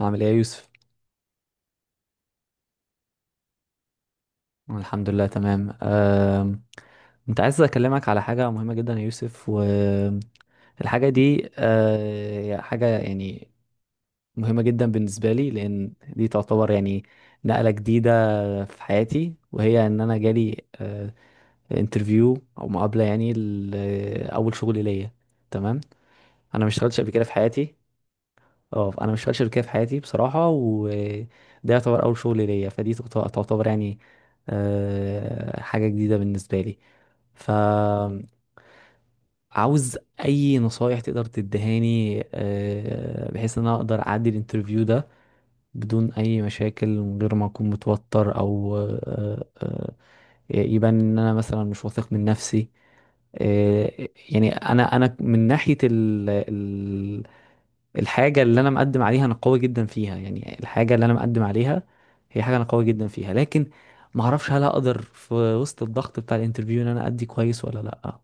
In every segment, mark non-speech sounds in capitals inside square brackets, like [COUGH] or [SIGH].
عامل ايه يا يوسف؟ الحمد لله تمام. كنت عايز اكلمك على حاجة مهمة جدا يا يوسف، والحاجة دي حاجة يعني مهمة جدا بالنسبة لي، لان دي تعتبر يعني نقلة جديدة في حياتي، وهي ان انا جالي انترفيو او مقابلة يعني لأول شغل ليا. تمام؟ انا ما اشتغلتش قبل كده في حياتي. اه، انا ما اشتغلتش شركه في حياتي بصراحه، وده يعتبر اول شغل ليا، فدي تعتبر يعني حاجه جديده بالنسبه لي. فعاوز اي نصايح تقدر تدهاني، بحيث ان انا اقدر اعدي الانترفيو ده بدون اي مشاكل، من غير ما اكون متوتر او يبان ان انا مثلا مش واثق من نفسي. يعني انا من ناحيه الحاجة اللي أنا مقدم عليها، أنا قوي جدا فيها، يعني الحاجة اللي أنا مقدم عليها هي حاجة أنا قوي جدا فيها، لكن ما أعرفش هل أقدر في وسط الضغط بتاع الانترفيو إن أنا أدي كويس ولا لأ.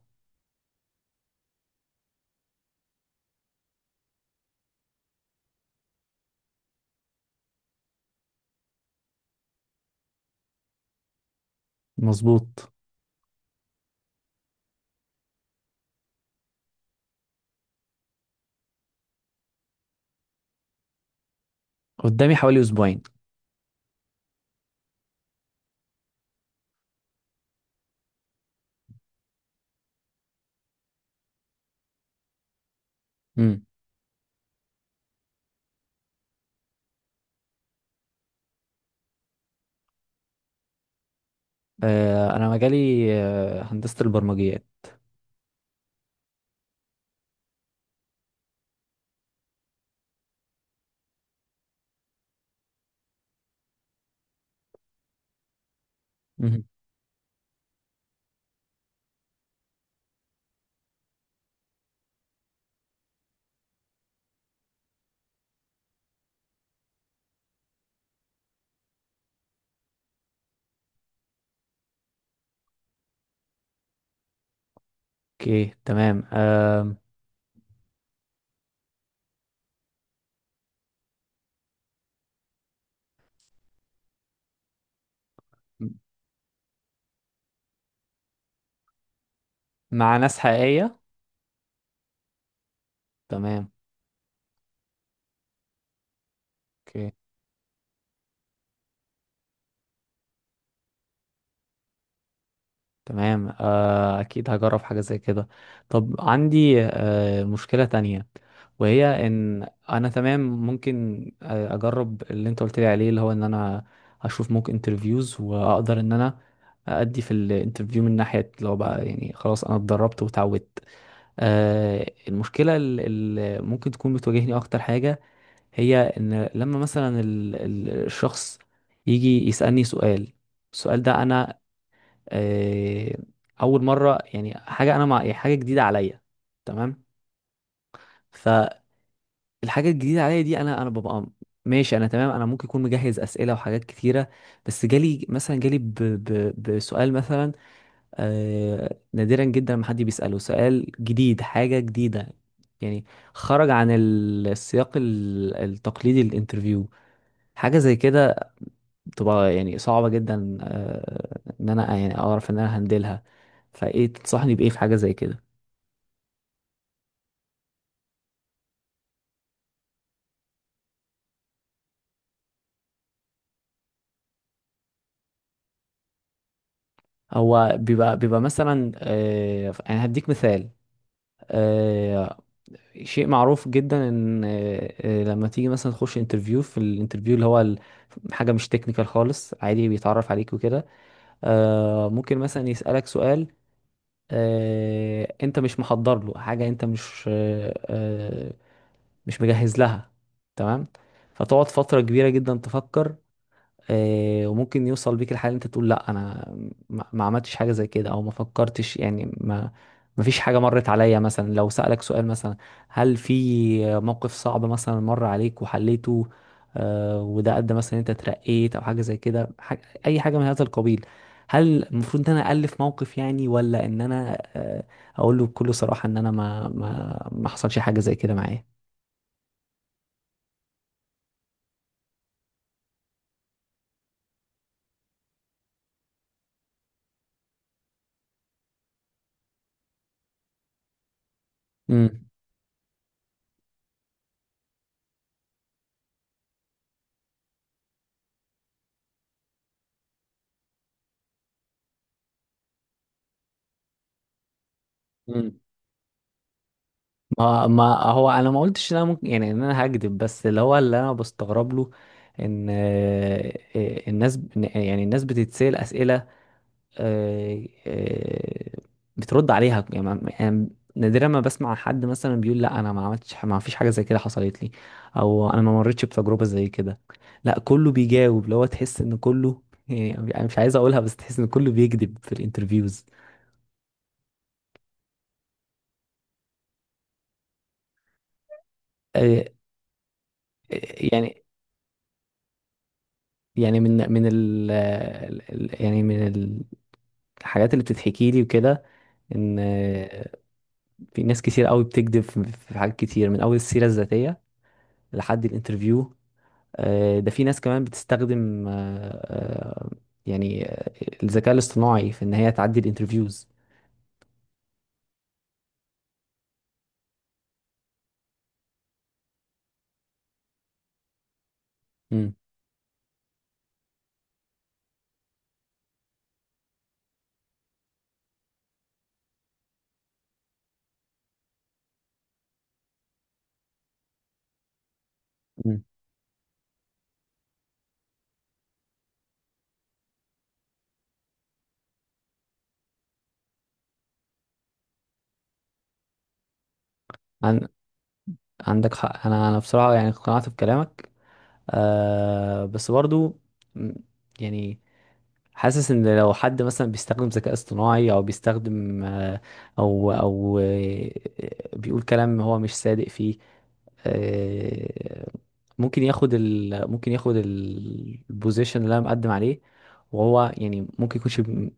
مظبوط. قدامي حوالي أسبوعين. امم. أنا مجالي هندسة البرمجيات. مهم. أوكي، تمام. آه مع ناس حقيقية. تمام. أوكي، تمام. اكيد هجرب حاجه زي كده. طب عندي مشكله تانية، وهي ان انا تمام ممكن اجرب اللي انت قلت لي عليه، اللي هو ان انا اشوف موك انترفيوز واقدر ان انا ادي في الانترفيو من ناحيه اللي هو بقى يعني خلاص انا اتدربت وتعودت. المشكله اللي ممكن تكون بتواجهني اكتر حاجه هي ان لما مثلا الشخص يجي يسالني سؤال، السؤال ده انا آه، اول مره، يعني حاجه انا مع يعني حاجه جديده عليا. تمام؟ فالحاجه الجديده عليا دي انا ببقى ماشي، انا تمام، انا ممكن اكون مجهز اسئله وحاجات كتيره، بس جالي مثلا جالي بسؤال مثلا. نادرا جدا ما حد بيساله سؤال جديد، حاجه جديده يعني خرج عن السياق التقليدي للانترفيو. حاجه زي كده بتبقى يعني صعبة جدا، ان انا يعني اعرف ان انا هندلها. فايه تنصحني بايه في حاجة زي كده؟ هو بيبقى مثلا، يعني هديك مثال. آه، شيء معروف جدا ان لما تيجي مثلا تخش انترفيو، في الانترفيو اللي هو حاجة مش تكنيكال خالص، عادي بيتعرف عليك وكده، ممكن مثلا يسألك سؤال انت مش محضر له حاجة، انت مش مش مجهز لها. تمام. فتقعد فترة كبيرة جدا تفكر، وممكن يوصل بيك الحال إن انت تقول لا انا ما عملتش حاجة زي كده، او ما فكرتش، يعني ما فيش حاجة مرت عليا. مثلا لو سألك سؤال مثلا هل في موقف صعب مثلا مر عليك وحليته، وده ادى مثلا إن انت ترقيت او حاجة زي كده، حاجة اي حاجة من هذا القبيل. هل المفروض ان انا الف موقف يعني، ولا ان انا اقول له بكل صراحة ان انا ما حصلش حاجة زي كده معايا؟ مم. ما هو انا ما قلتش ان انا ممكن يعني ان انا هكذب، بس اللي هو اللي انا بستغرب له ان الناس يعني الناس بتتسأل اسئله، آه، آه، بترد عليها، يعني يعني نادرا ما بسمع حد مثلا بيقول لا انا ما عملتش ما فيش حاجه زي كده حصلت لي او انا ما مريتش بتجربه زي كده. لا، كله بيجاوب اللي هو تحس ان كله، يعني انا مش عايز اقولها بس تحس ان كله بيكذب في الانترفيوز. آه، آه، يعني يعني من الحاجات اللي بتتحكي لي وكده، ان في ناس كتير قوي بتكذب في حاجات كتير من اول السيرة الذاتية لحد الانترفيو. ده في ناس كمان بتستخدم آه، يعني الذكاء الاصطناعي في ان هي تعدي الانترفيوز. مم. مم. عن عندك حق. انا بصراحة يعني اقتنعت بكلامك، بس برضو مم، يعني حاسس ان لو حد مثلا بيستخدم ذكاء اصطناعي او بيستخدم آه، او او آه، بيقول كلام هو مش صادق فيه، آه، ممكن ياخد ال البوزيشن اللي انا مقدم عليه. وهو يعني ممكن يكونش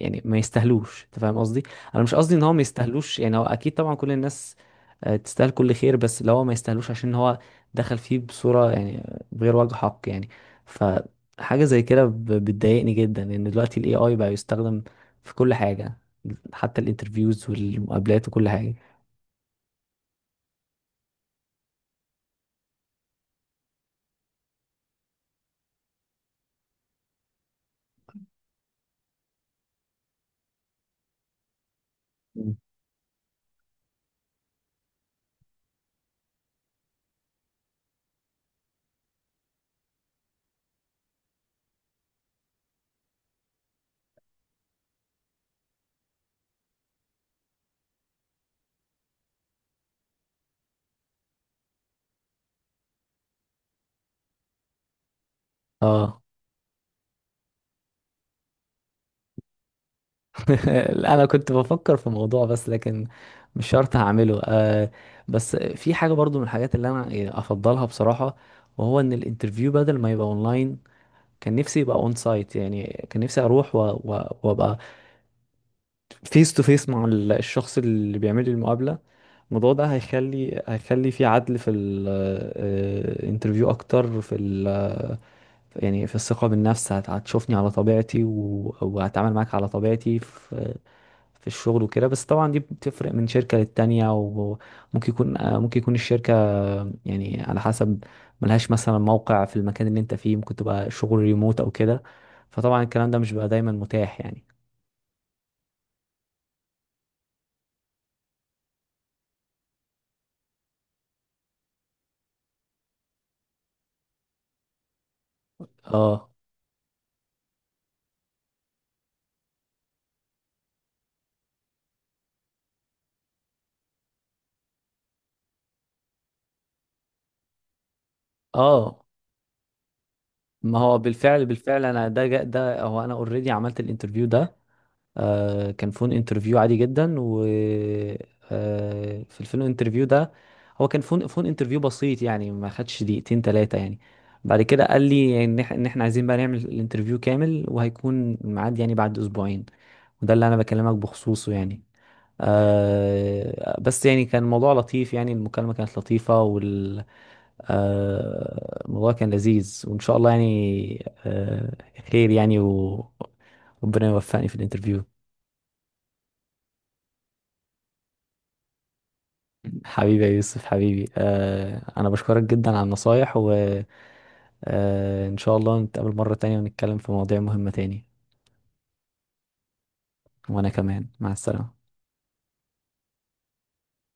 يعني ما يستاهلوش. انت فاهم قصدي؟ انا مش قصدي ان هو ما يستاهلوش، يعني هو اكيد طبعا كل الناس تستاهل كل خير، بس لو هو ما يستاهلوش عشان هو دخل فيه بصورة يعني بغير وجه حق يعني. فحاجة زي كده بتضايقني جدا، لان دلوقتي الاي اي بقى يستخدم في كل حاجة، حتى الانترفيوز والمقابلات وكل حاجة. اه [LAUGHS] انا كنت بفكر في موضوع بس لكن مش شرط هعمله. بس في حاجه برضو من الحاجات اللي انا يعني افضلها بصراحه، وهو ان الانترفيو بدل ما يبقى اونلاين، كان نفسي يبقى اون سايت، يعني كان نفسي اروح وابقى فيس تو فيس مع الشخص اللي بيعمل لي المقابله. الموضوع ده هيخلي في عدل في الانترفيو اكتر، في يعني في الثقة بالنفس. هتشوفني على طبيعتي وهتعامل معاك على طبيعتي في الشغل وكده. بس طبعا دي بتفرق من شركة للتانية، وممكن يكون آه، ممكن يكون الشركة، يعني على حسب ملهاش مثلا موقع في المكان اللي انت فيه، ممكن تبقى شغل ريموت او كده. فطبعا الكلام ده مش بيبقى دايما متاح يعني. اه، اه ما هو بالفعل انا ده هو انا اوريدي عملت الانترفيو ده. كان فون انترفيو عادي جدا، و في الفون انترفيو ده هو كان فون انترفيو بسيط يعني ما خدش دقيقتين ثلاثة يعني. بعد كده قال لي يعني ان إن احنا عايزين بقى نعمل الانترفيو كامل، وهيكون الميعاد يعني بعد اسبوعين، وده اللي انا بكلمك بخصوصه يعني. آه بس يعني كان الموضوع لطيف، يعني المكالمة كانت لطيفة وال آه الموضوع كان لذيذ، وإن شاء الله يعني خير يعني وربنا يوفقني في الانترفيو. حبيبي يا يوسف، حبيبي، انا بشكرك جدا على النصايح، وان شاء الله نتقابل مرة تانية ونتكلم في مواضيع مهمة تاني. وانا كمان، مع السلامة.